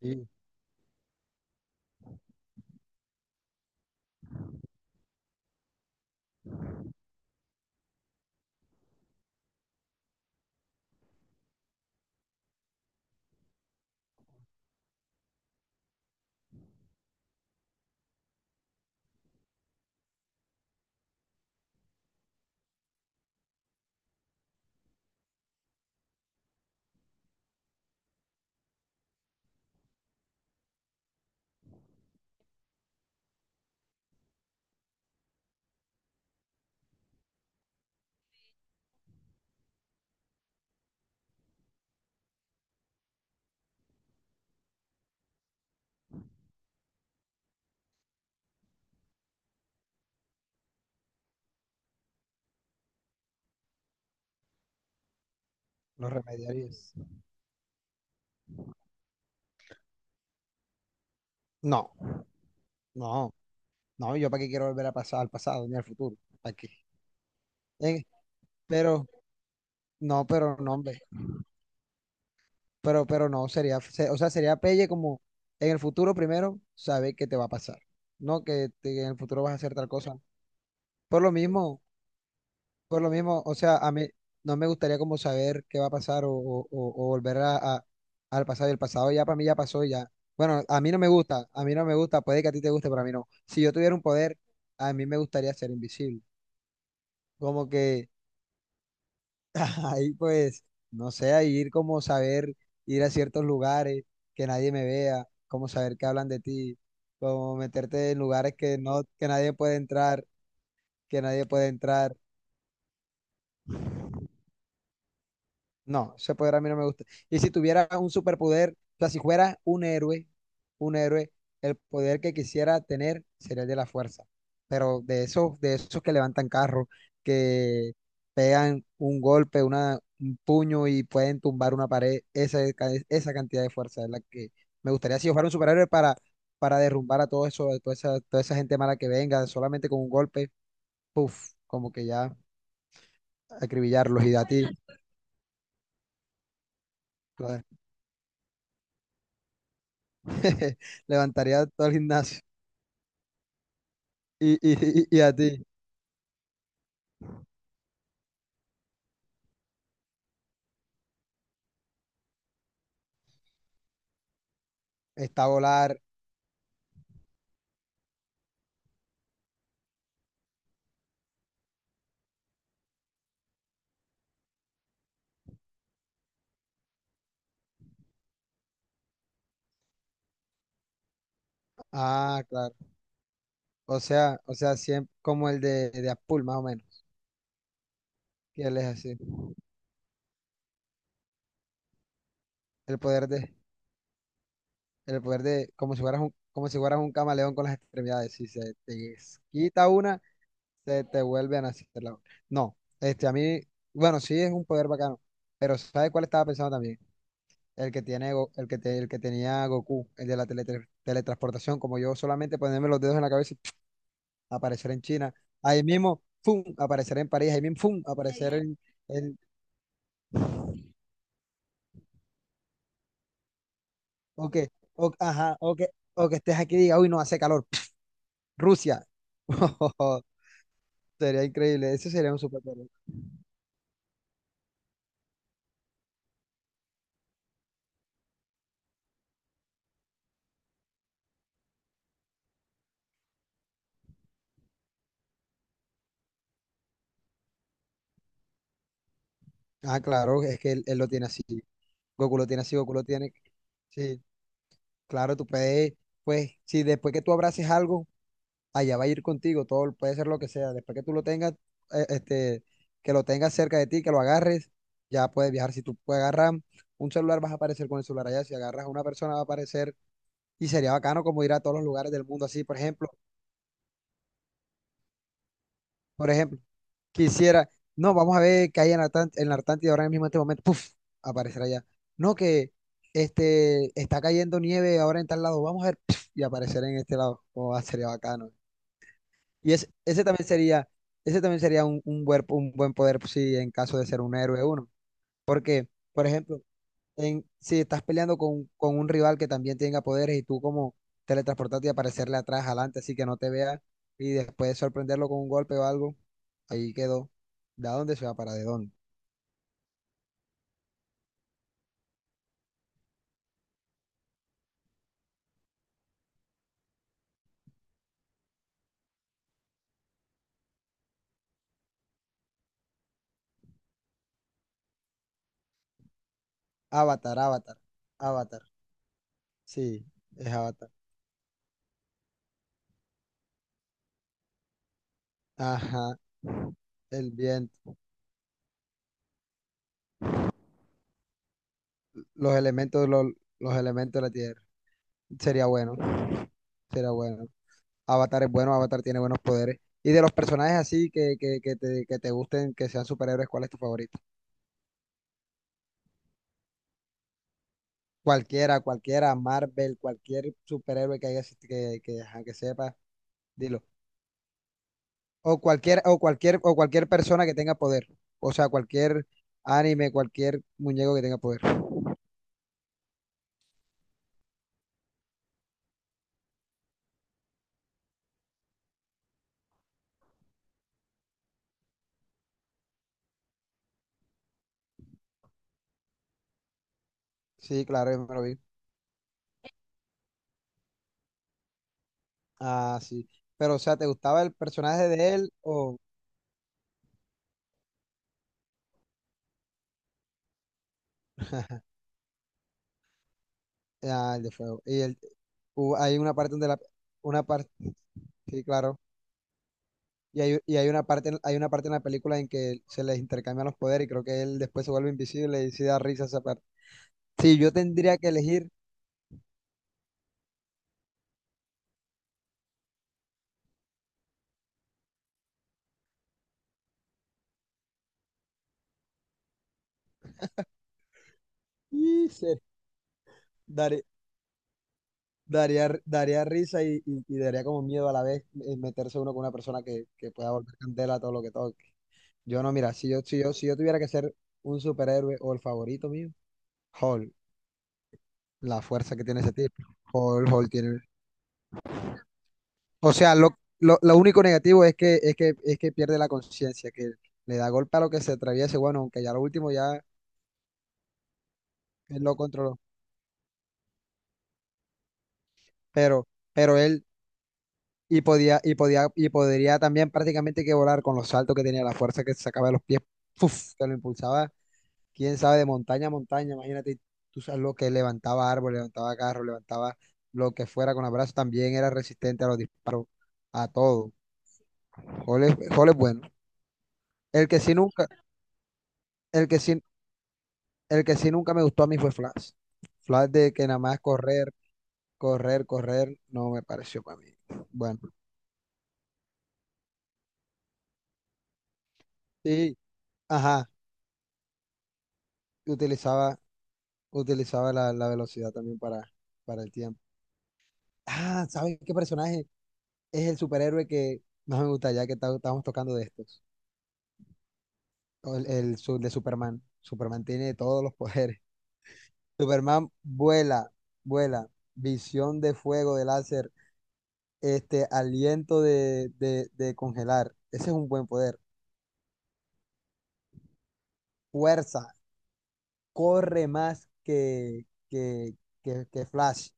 Sí, lo remediarías. No, no, no, yo para qué quiero volver a pasar al pasado ni al futuro, ¿para qué? Eh, Pero, no, pero no, hombre, pero no, sería, se- o sea, sería pelle como en el futuro primero saber qué te va a pasar, no que te- en el futuro vas a hacer tal cosa. Por lo mismo, Por lo mismo, o sea, a mí no me gustaría como saber qué va a pasar o volver al pasado. Y el pasado ya para mí ya pasó ya. Bueno, a mí no me gusta, a mí no me gusta, puede que a ti te guste, pero a mí no. Si yo tuviera un poder, a mí me gustaría ser invisible. Como que ahí pues, no sé, ahí ir como saber, ir a ciertos lugares que nadie me vea, como saber que hablan de ti, como meterte en lugares que nadie puede entrar, que nadie puede entrar. No, ese poder a mí no me gusta. Y si tuviera un superpoder, o sea, si fuera un héroe, el poder que quisiera tener sería el de la fuerza. Pero de esos que levantan carros, que pegan un golpe, un puño y pueden tumbar una pared, esa cantidad de fuerza es la que me gustaría si yo fuera un superhéroe para derrumbar a todo eso, toda esa gente mala que venga, solamente con un golpe, puff, como que ya acribillarlos y a ti. Levantaría todo el gimnasio. Y, y, y a ti, está volar. Ah, claro. O sea, siempre como el de Apul, más o menos. Que él es así. El poder de, el poder de, como si fueras un camaleón con las extremidades. Si se te quita una, se te vuelve a nacer la otra. No, este, a mí, bueno, sí es un poder bacano. Pero ¿sabes cuál estaba pensando también? El que tiene, Go- el que, te- el que tenía Goku, el de la teletransportación, como yo solamente ponerme los dedos en la cabeza aparecer en China, ahí mismo, ¡fum!, aparecer en París, ahí mismo, ¡fum!, aparecer en... o que, o, ajá, o que estés aquí y diga, uy, no hace calor, Rusia. Sería increíble, ese sería un superpoder. Ah, claro, es que él lo tiene así, Goku lo tiene así, Goku lo tiene, sí, claro, tú puedes, pues, si después que tú abraces algo, allá va a ir contigo, todo puede ser lo que sea. Después que tú lo tengas, eh, este, que lo tengas cerca de ti, que lo agarres, ya puedes viajar. Si tú puedes agarrar un celular, vas a aparecer con el celular allá. Si agarras a una persona, va a aparecer. Y sería bacano como ir a todos los lugares del mundo así, por ejemplo, quisiera, no, vamos a ver qué hay en la, en la Atlántida ahora mismo en este momento, puf, aparecer allá. No que este está cayendo nieve ahora en tal lado, vamos a ver, puf, y aparecer en este lado. Oh, sería bacano. Y ese ese también sería, ese también sería un buen poder si en caso de ser un héroe uno. Porque, por ejemplo, en, si estás peleando con un rival que también tenga poderes y tú como teletransportarte y aparecerle atrás, adelante, así que no te vea y después sorprenderlo con un golpe o algo, ahí quedó. ¿De dónde se va para de dónde? Avatar, Avatar. Sí, es Avatar. Ajá, el viento, los elementos, los, los elementos de la tierra. Sería bueno, sería bueno. Avatar es bueno, Avatar tiene buenos poderes. Y de los personajes así que te gusten, que sean superhéroes, ¿cuál es tu favorito? Cualquiera, Marvel, cualquier superhéroe que haya así que sepa, dilo. O cualquier persona que tenga poder. O sea, cualquier anime, cualquier muñeco que tenga poder. Sí, claro, yo me lo vi. Ah, sí. Pero, o sea, ¿te gustaba el personaje de él o ah, el de fuego? Y hay una parte donde la, una parte, sí, claro. Hay una parte en la película en que se les intercambian los poderes y creo que él después se vuelve invisible y sí da risa esa parte. Si yo tendría que elegir, y se, daré- daría, r- daría risa y daría como miedo a la vez meterse uno con una persona que pueda volver candela todo lo que toque. Yo no, mira, si yo tuviera que ser un superhéroe o el favorito mío, Hulk, la fuerza que tiene ese tipo. Hulk tiene. O sea, lo único negativo es que, es que pierde la conciencia, que le da golpe a lo que se atraviese, bueno, aunque ya lo último ya él lo controló, pero, pero él y podía, y podría también prácticamente que volar con los saltos que tenía, la fuerza que sacaba de los pies, ¡puf! Que lo impulsaba, quién sabe, de montaña a montaña, imagínate, tú sabes lo que levantaba árbol, levantaba carro, levantaba lo que fuera con los brazos, también era resistente a los disparos, a todo. Jole, Jole es bueno. El que sí nunca, el que sí El que sí nunca me gustó a mí fue Flash. Flash de que nada más correr, correr, no me pareció para mí. Bueno, sí, ajá, utilizaba, utilizaba la, la velocidad también para el tiempo. Ah, ¿sabes qué personaje es el superhéroe que más me gusta ya que estamos tocando de estos? O el su- de Superman. Superman tiene todos los poderes. Superman vuela, vuela, visión de fuego, de láser, este, aliento de de congelar. Ese es un buen poder. Fuerza, corre más que Flash.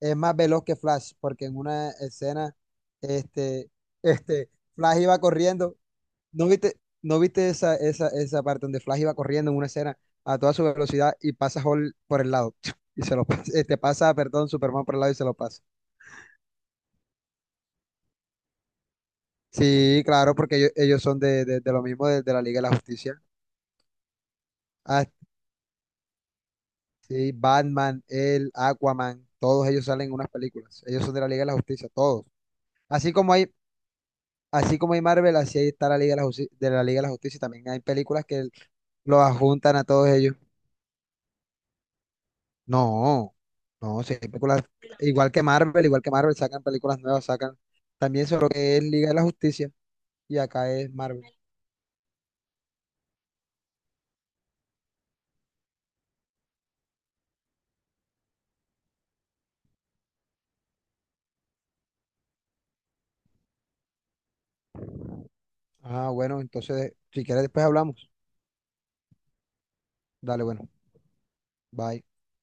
Es más veloz que Flash, porque en una escena, este, este, Flash iba corriendo. ¿No viste esa parte donde Flash iba corriendo en una escena a toda su velocidad y pasa Hall por el lado? Y se lo pasa, este, pasa, perdón, Superman por el lado y se lo pasa. Sí, claro, porque ellos son de lo mismo, de la Liga de la Justicia. Ah, sí, Batman, el Aquaman, todos ellos salen en unas películas. Ellos son de la Liga de la Justicia, todos. Así como hay, así como hay Marvel, así ahí está la Liga de la Justicia, de la Liga de la Justicia. También hay películas que los adjuntan a todos ellos. No, no, sí, hay películas igual que Marvel, sacan películas nuevas, sacan también sobre lo que es Liga de la Justicia y acá es Marvel. Ah, bueno, entonces, si quieres después hablamos. Dale, bueno, bye.